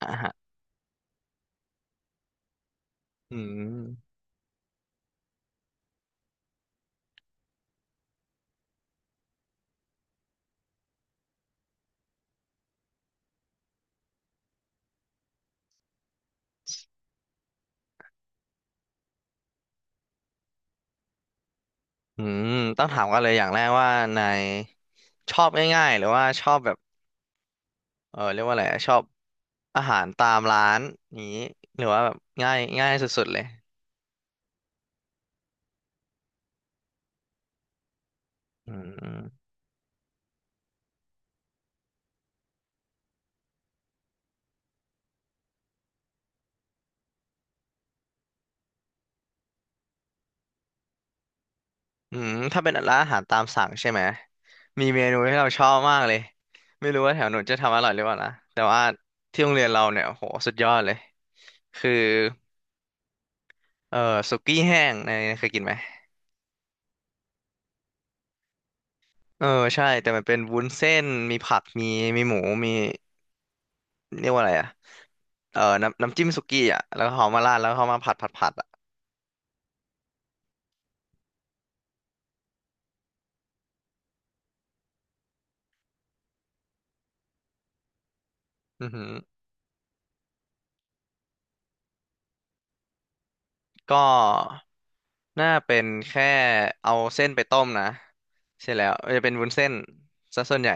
อ่าฮะอืมอืมต้องถามกันเลยอย่างแรกว่านายชอบง่ายๆหรือว่าชอบแบบเรียกว่าอะไรอะชอบอาหารตามร้านนี้หรือว่าแบบง่ายง่ายสุดๆเลยอืมอืมถ้าเป็นร้านอาหารตามสั่งใช่ไหมมีเมนูที่เราชอบมากเลยไม่รู้ว่าแถวหนูจะทำอร่อยหรือเปล่านะแต่ว่าที่โรงเรียนเราเนี่ยโหสุดยอดเลยคือเออสุกี้แห้งนายเคยกินไหมเออใช่แต่มันเป็นวุ้นเส้นมีผักมีหมูมี เรียกว่าอะไรอ่ะเออน้ำน้ำจิ้มสุกี้อ่ะ แล้วเขามาราดแล้วเขามาผัดอ่ะอือหือ ก็น่าเป็นแค่เอาเส้นไปต้มนะเสร็จแล้วจะเป็นวุ้นเส้นซะส่วนใหญ่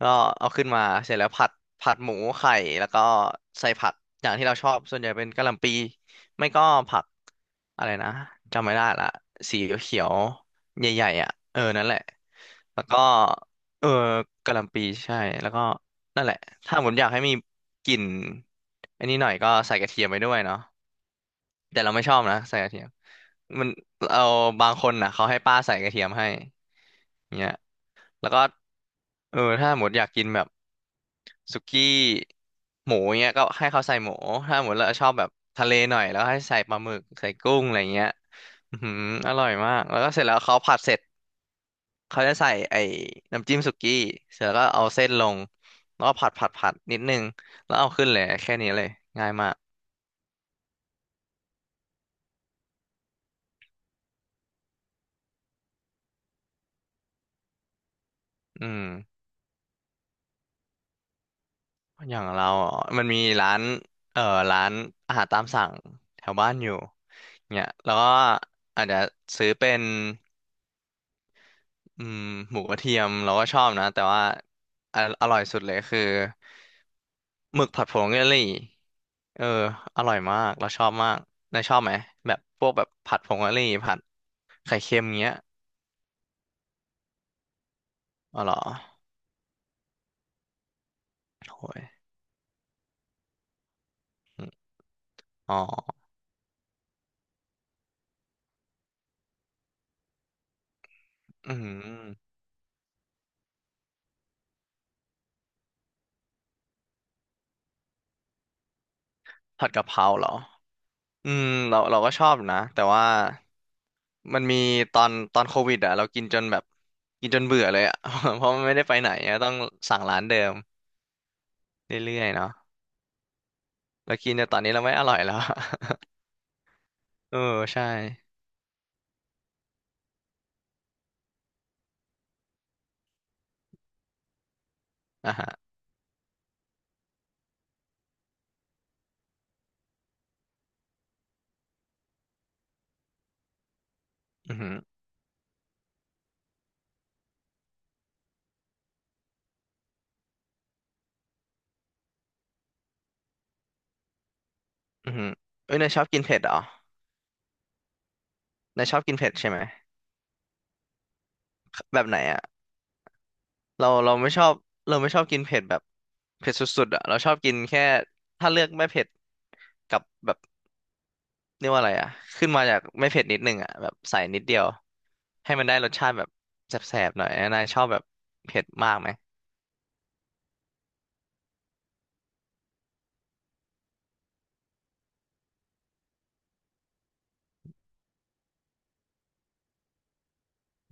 ก็เอาขึ้นมาเสร็จแล้วผัดผัดหมูไข่แล้วก็ใส่ผักอย่างที่เราชอบส่วนใหญ่เป็นกะหล่ำปีไม่ก็ผักอะไรนะจำไม่ได้ละสีเขียวๆใหญ่ๆอ่ะเออนั่นแหละแล้วก็เออกะหล่ำปีใช่แล้วก็นั่นแหละถ้าผมอยากให้มีกลิ่นอันนี้หน่อยก็ใส่กระเทียมไปด้วยเนาะ แต่เราไม่ชอบนะใส่กระเทียมมันเอาบางคนน่ะเขาให้ป้าใส่กระเทียมให้เงี้ยแล้วก็เออถ้าหมดอยากกินแบบสุกี้หมูเงี้ยก็ให้เขาใส่หมูถ้าหมดเราชอบแบบทะเลหน่อยแล้วให้ใส่ปลาหมึกใส่กุ้งอะไรเงี้ยอือหืออร่อยมากแล้วก็เสร็จแล้วเขาผัดเสร็จเขาจะใส่ไอ้น้ำจิ้มสุกี้เสร็จแล้วก็เอาเส้นลงแล้วก็ผัดนิดนึงแล้วเอาขึ้นเลยแค่นี้เลยง่ายมากอืม อย่างเราออมันมีร้านเอ่อร้านอาหารตามสั่งแถวบ้านอยู่เนี่ยแล้วก็อาจจะซื้อเป็นอืมหมูกระเทียมเราก็ชอบนะแต่ว่าออร่อยสุดเลยคือหมึกผัดผงกะหรี่เอออร่อยมากเราชอบมากนายชอบไหมแบบพวกแบบผัดผงกะหรี่ผัดไข่เค็มเงี้ยอ๋อเหรอโอ้ยอมอ๋ออืมผัดกะเพราเหรออืมเราก็ชอบนะแต่ว่า มันมีตอนโควิดอ่ะเรากินจนแบบกินจนเบื่อเลยอ่ะ เพราะมันไม่ได้ไปไหนอะต้องสั่งร้านเดิมเรื่อยๆเนาะแล้วกินแต่ตอนนี้เราไม่อร่อยแล้ว เออใช่อ่ะฮะอือหืออือหือเอ้ยนายชอบกินเผ็ดเหรอนายชอบกินเผ็ดใช่ไหมแบบไหนอ่ะเราไม่ชอบเราไม่ชอบกินเผ็ดแบบเผ็ดสุดๆอ่ะเราชอบกินแค่ถ้าเลือกไม่เผ็ดกับแบบเรียกว่าอะไรอ่ะขึ้นมาจากไม่เผ็ดนิดนึงอ่ะแบบใส่นิดเดียวให้มันได้รสชาติแบบแสบๆหน่อยนายชอบแบบเผ็ดมากไหม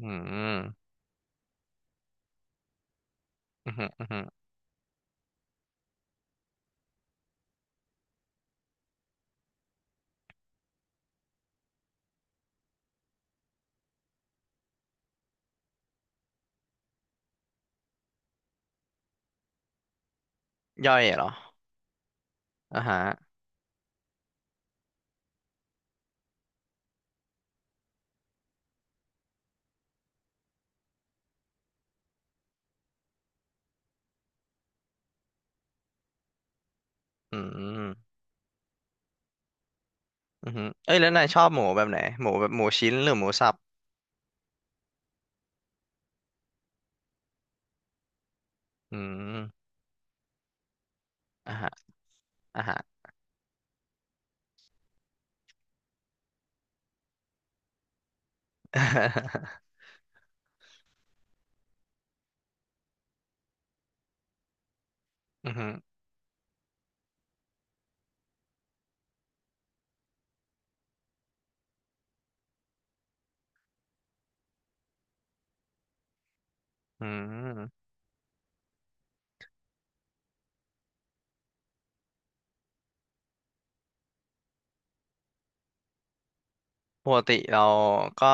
อืมอืมอหืมออือหือย่อยเหรออ่าฮะอืมอืมเอ้ยแล้วนายชอบหมูแบบไหน หมูแบบหมูชิ้นหรือหมูสับอืมอ่าฮะอ่าฮะ อืมอหืออืมปกติเราก็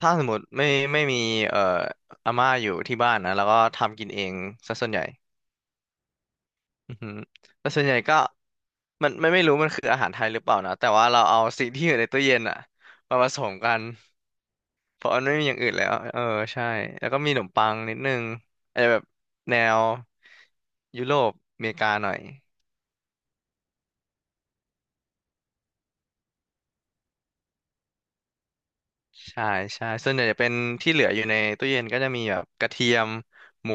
ถ้าสมมติไม่มีเอ่ออาม่าอยู่ที่บ้านนะแล้วก็ทำกินเองซะส่วนใหญ่อือหือแต่ส่วนใหญ่ก็มันไม่รู้มันคืออาหารไทยหรือเปล่านะแต่ว่าเราเอาสิ่งที่อยู่ในตู้เย็นอะมาผสมกัน เพราะมันไม่มีอย่างอื่นแล้ว เออใช่ แล้วก็มีขนมปังนิดนึงอาจจะแบบแนวยุโรปอเมริกาหน่อย ใช่ใช่ส่วนใหญ่จะเป็นที่เหลืออยู่ในตู้เย็นก็จะมีแบบกระเทียมหมู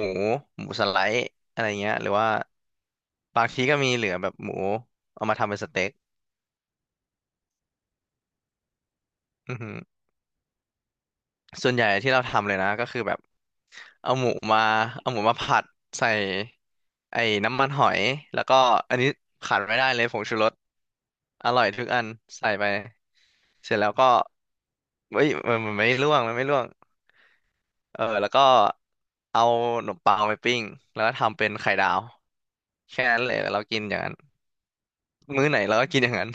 หมูสไลด์อะไรเงี้ยหรือว่าบางทีก็มีเหลือแบบหมูเอามาทำเป็นสเต็กอือหือ ส่วนใหญ่ที่เราทำเลยนะก็คือแบบเอาหมูมาเอาหมูมาผัดใส่ไอ้น้ำมันหอยแล้วก็อันนี้ขาดไม่ได้เลยผงชูรสอร่อยทุกอันใส่ไปเสร็จแล้วก็เฮ้ยมันไม่ร่วงมันไม่ร่วงเออแล้วก็เอาขนมปังไปปิ้งแล้วก็ทำเป็นไข่ดาวแค่นั้นเลยเรากินอย่างนั้นมื้อไหนเราก็กินอย่างนั้น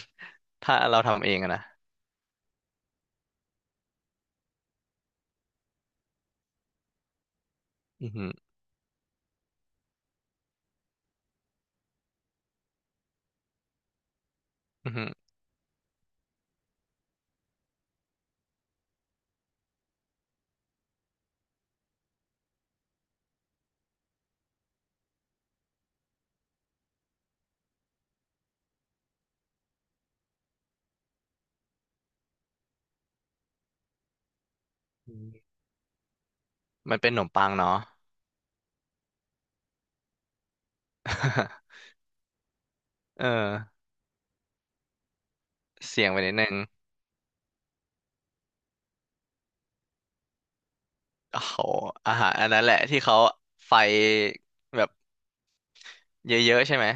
ถ้าเราทำเองอะนะอือหืออือหืออืมมันเป็นขนมปังเนาะ เออ เสี่ยงไปนิดนึงโอ้โหอาหารอันนั้นแหละที่เขาไฟแบบเยอะๆใช่ไหม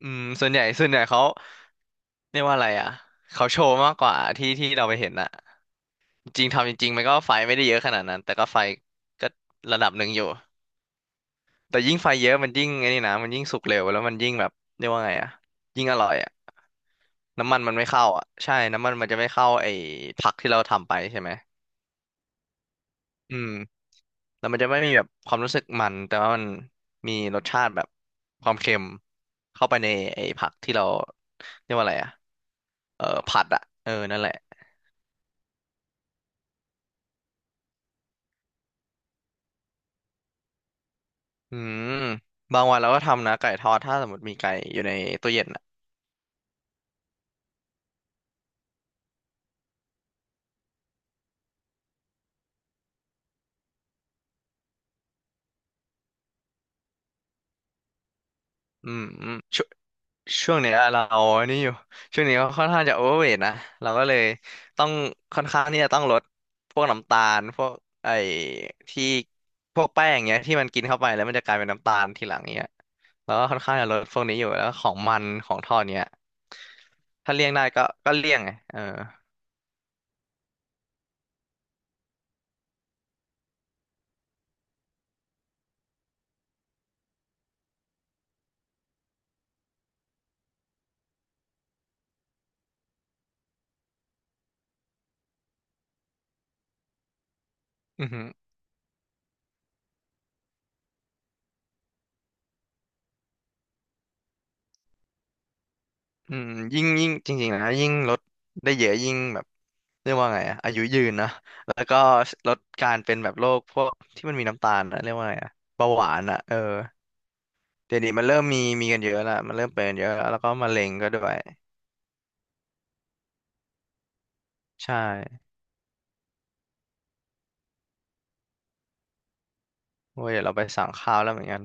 อืมส่วนใหญ่เขาเรียกว่าอะไรอ่ะเขาโชว์มากกว่าที่เราไปเห็นอะจริงทำจริงๆมันก็ไฟไม่ได้เยอะขนาดนั้นแต่ก็ไฟก็ระดับหนึ่งอยู่แต่ยิ่งไฟเยอะมันยิ่งไอ้นี่นะมันยิ่งสุกเร็วแล้วมันยิ่งแบบเรียกว่าไงอ่ะยิ่งอร่อยอ่ะน้ำมันมันไม่เข้าอ่ะใช่น้ำมันมันจะไม่เข้าไอ้ผักที่เราทำไปใช่ไหมอืม แล้วมันจะไม่มีแบบความรู้สึกมันแต่ว่ามันมีรสชาติแบบความเค็มเข้าไปในไอ้ผักที่เราเรียกว่าอะไรอะเออผัดอะเออนั่นแหละอืมบางวันเราก็ทำนะไก่ทอดถ้าสมมติมีไก่อยู่ในตู้เย็นอะอืมอืม ช่วงเนี้ยเราอันนี้อยู่ช่วงนี้ก็ค่อนข้างจะโอเวอร์เวทนะเราก็เลยต้องค่อนข้างที่จะต้องลดพวกน้ำตาลพวกไอ้ที่พวกแป้งเงี้ยที่มันกินเข้าไปแล้วมันจะกลายเป็นน้ำตาลทีหลังเงี้ยเราก็ค่อนข้างจะลดพวกนี้อยู่แล้วก็ของมันของทอดเนี้ยถ้าเลี่ยงได้ก็เลี่ยงไงเอออือหือ อืมยิ่งยิ่งจริงๆนะยิ่งลดได้เยอะยิ่งแบบเรียกว่าไงอะอายุยืนนะแล้วก็ลดการเป็นแบบโรคพวกที่มันมีน้ำตาลนะเรียกว่าไงอะเบาหวานอะเออเดี๋ยวนี้มันเริ่มมีมีกันเยอะละมันเริ่มเป็นกันเยอะแล้วแล้วก็มะเร็งก็ด้วยใช่โอ้ยเดี๋ยวเราไปสั่งข้าวแล้วเหมือนกัน